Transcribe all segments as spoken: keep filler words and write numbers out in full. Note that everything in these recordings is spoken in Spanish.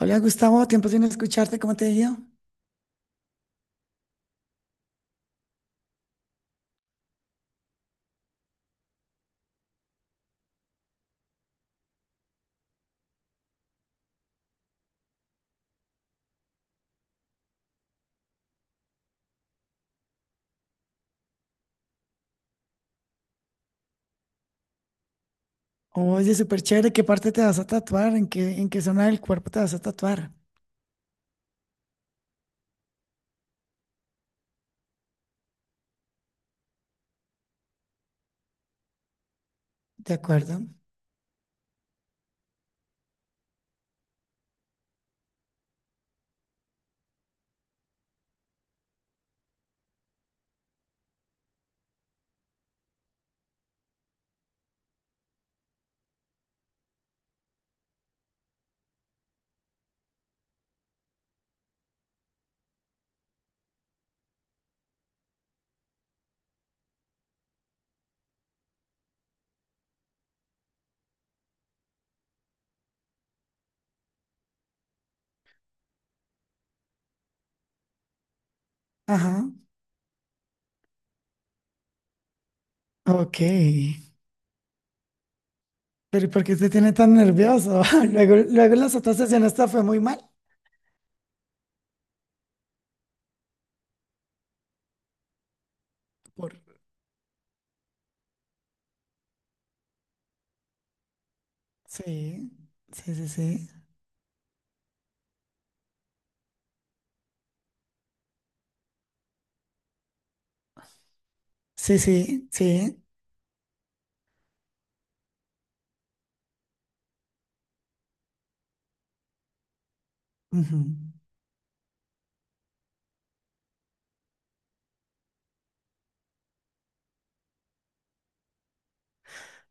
Hola Gustavo, tiempo sin escucharte, ¿cómo te ha ido? Oye, súper chévere, ¿qué parte te vas a tatuar? ¿En qué, en qué zona del cuerpo te vas a tatuar? ¿De acuerdo? Ajá, ok. Pero ¿y por qué te tiene tan nervioso? Luego, luego las otras sesiones te fue muy mal. Por... Sí, sí, sí, sí. Sí, sí, sí. Ujú.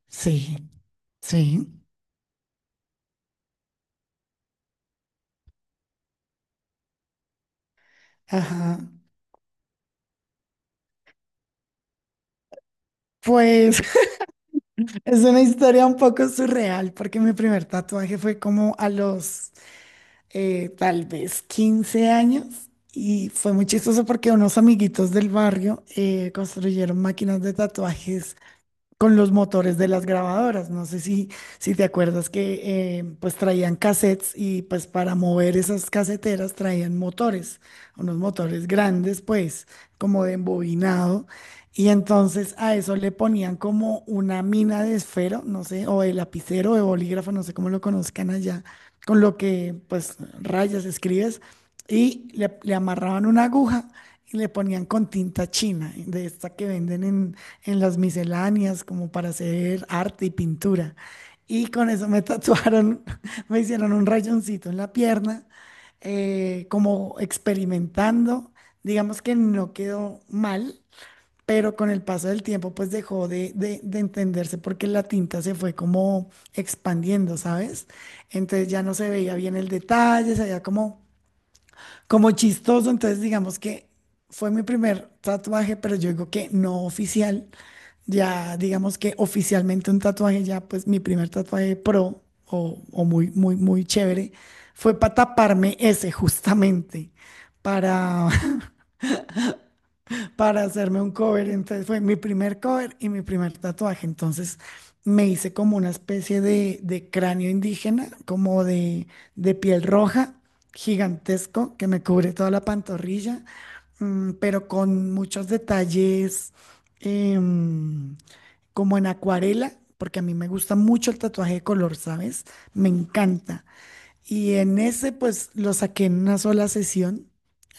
Sí, sí. Ajá. Pues es una historia un poco surreal porque mi primer tatuaje fue como a los eh, tal vez quince años, y fue muy chistoso porque unos amiguitos del barrio eh, construyeron máquinas de tatuajes con los motores de las grabadoras. No sé si, si te acuerdas que eh, pues traían cassettes, y pues para mover esas caseteras traían motores, unos motores grandes pues como de embobinado. Y entonces a eso le ponían como una mina de esfero, no sé, o de lapicero, de bolígrafo, no sé cómo lo conozcan allá, con lo que pues rayas, escribes, y le, le amarraban una aguja y le ponían con tinta china, de esta que venden en, en las misceláneas, como para hacer arte y pintura. Y con eso me tatuaron, me hicieron un rayoncito en la pierna, eh, como experimentando. Digamos que no quedó mal, pero con el paso del tiempo pues dejó de, de, de entenderse porque la tinta se fue como expandiendo, ¿sabes? Entonces ya no se veía bien el detalle, se veía como, como, chistoso. Entonces digamos que fue mi primer tatuaje, pero yo digo que no oficial. Ya, digamos que oficialmente un tatuaje, ya pues mi primer tatuaje pro, o, o muy, muy, muy chévere, fue para taparme ese justamente, para, para hacerme un cover. Entonces fue mi primer cover y mi primer tatuaje. Entonces me hice como una especie de, de cráneo indígena, como de, de piel roja, gigantesco, que me cubre toda la pantorrilla, mm, pero con muchos detalles. em, Como en acuarela, porque a mí me gusta mucho el tatuaje de color, ¿sabes? Me encanta. Y en ese, pues lo saqué en una sola sesión.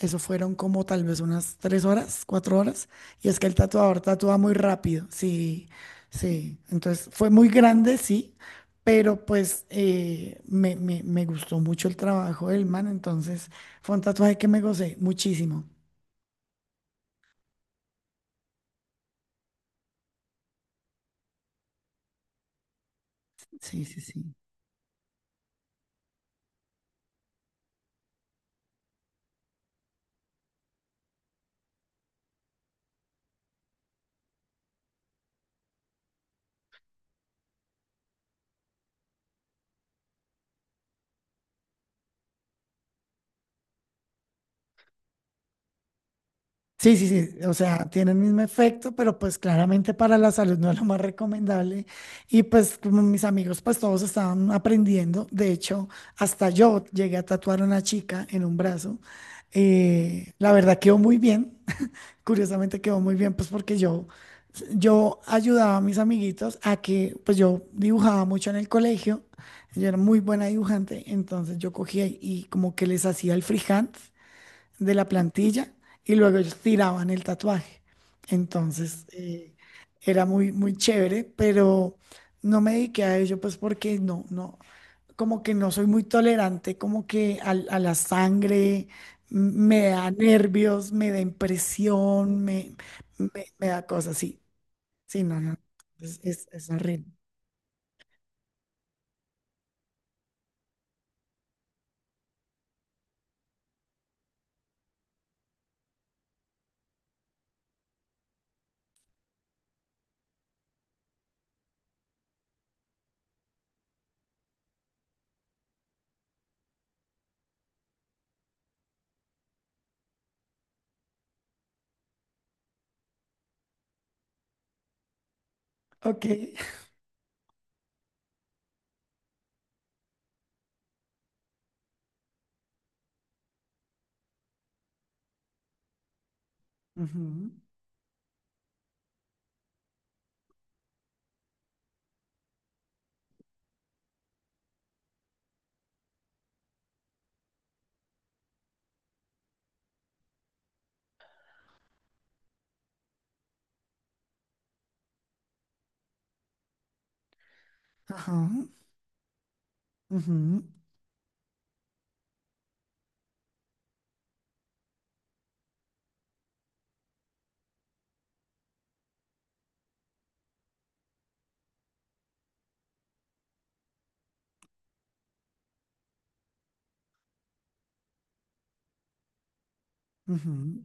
Eso fueron como tal vez unas tres horas, cuatro horas. Y es que el tatuador tatúa muy rápido, sí, sí. Entonces fue muy grande, sí, pero pues eh, me, me, me gustó mucho el trabajo del man. Entonces fue un tatuaje que me gocé muchísimo. Sí, sí, sí. Sí, sí, sí, o sea, tiene el mismo efecto, pero pues claramente para la salud no es lo más recomendable. Y pues como mis amigos, pues todos estaban aprendiendo. De hecho, hasta yo llegué a tatuar a una chica en un brazo. Eh, la verdad quedó muy bien, curiosamente quedó muy bien, pues porque yo, yo ayudaba a mis amiguitos a que, pues yo dibujaba mucho en el colegio, yo era muy buena dibujante, entonces yo cogía y como que les hacía el freehand de la plantilla y luego ellos tiraban el tatuaje. Entonces, eh, era muy, muy chévere, pero no me dediqué a ello pues porque no, no, como que no soy muy tolerante, como que al- a, la sangre m- me da nervios, me da impresión, me, me, me da cosas. Sí, sí, no, no, es, es, es horrible. Ok. Ujú, ajá, ujú, ujú,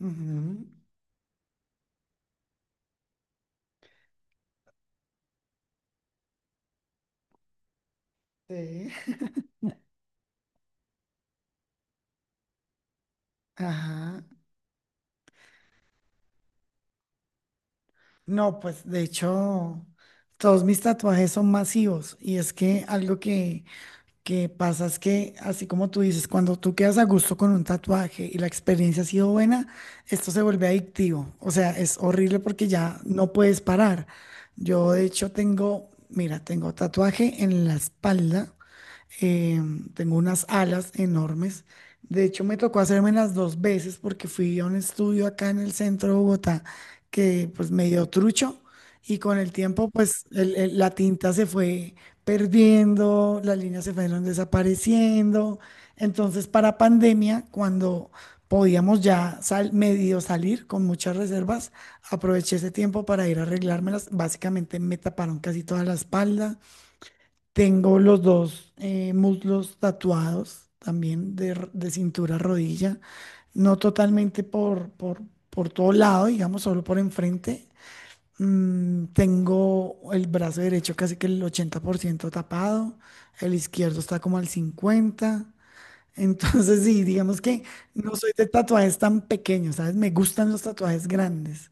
ujú, sí, ajá. No, pues de hecho, todos mis tatuajes son masivos, y es que algo que, que pasa es que, así como tú dices, cuando tú quedas a gusto con un tatuaje y la experiencia ha sido buena, esto se vuelve adictivo. O sea, es horrible porque ya no puedes parar. Yo de hecho tengo, mira, tengo tatuaje en la espalda, eh, tengo unas alas enormes. De hecho, me tocó hacerme las dos veces porque fui a un estudio acá en el centro de Bogotá que pues me dio trucho, y con el tiempo pues el- el- la tinta se fue perdiendo, las líneas se fueron desapareciendo. Entonces, para pandemia, cuando podíamos ya sal- medio salir con muchas reservas, aproveché ese tiempo para ir a arreglármelas. Básicamente me taparon casi toda la espalda. Tengo los dos eh, muslos tatuados también de, r- de cintura a rodilla, no totalmente por, por, por, todo lado, digamos, solo por enfrente. Mm, tengo el brazo derecho casi que el ochenta por ciento tapado, el izquierdo está como al cincuenta por ciento. Entonces, sí, digamos que no soy de tatuajes tan pequeños, ¿sabes? Me gustan los tatuajes grandes.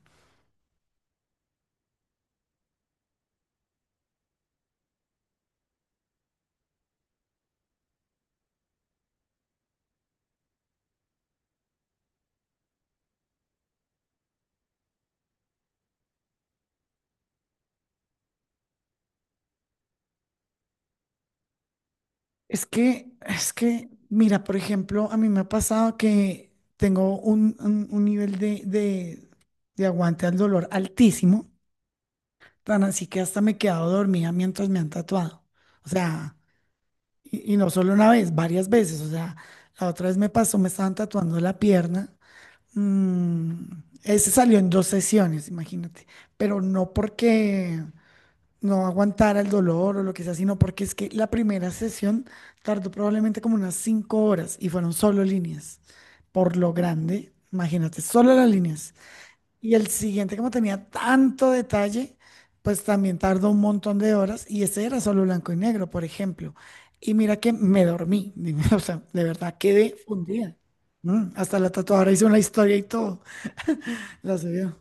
Es que, es que, mira, por ejemplo, a mí me ha pasado que tengo un, un- un nivel de, de, de aguante al dolor altísimo, tan así que hasta me he quedado dormida mientras me han tatuado. O sea, y, y no solo una vez, varias veces. O sea, la otra vez me pasó, me estaban tatuando la pierna. Mm, ese salió en dos sesiones, imagínate. Pero no porque no aguantara el dolor o lo que sea, sino porque es que la primera sesión tardó probablemente como unas cinco horas y fueron solo líneas. Por lo grande, imagínate, solo las líneas. Y el siguiente, como tenía tanto detalle, pues también tardó un montón de horas, y ese era solo blanco y negro, por ejemplo. Y mira que me dormí, o sea, de verdad quedé fundida. Mm, hasta la tatuadora hizo una historia y todo, la subió.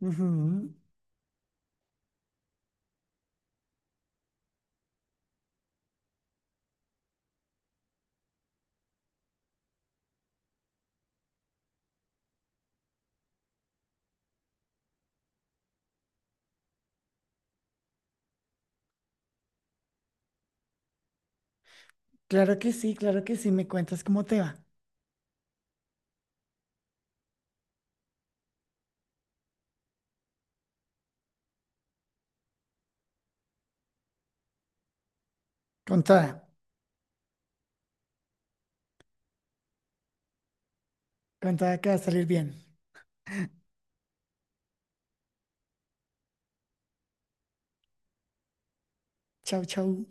Ujú. Claro que sí, claro que sí, me cuentas cómo te va. Con toda. Contada que va a salir bien. Chau, chau.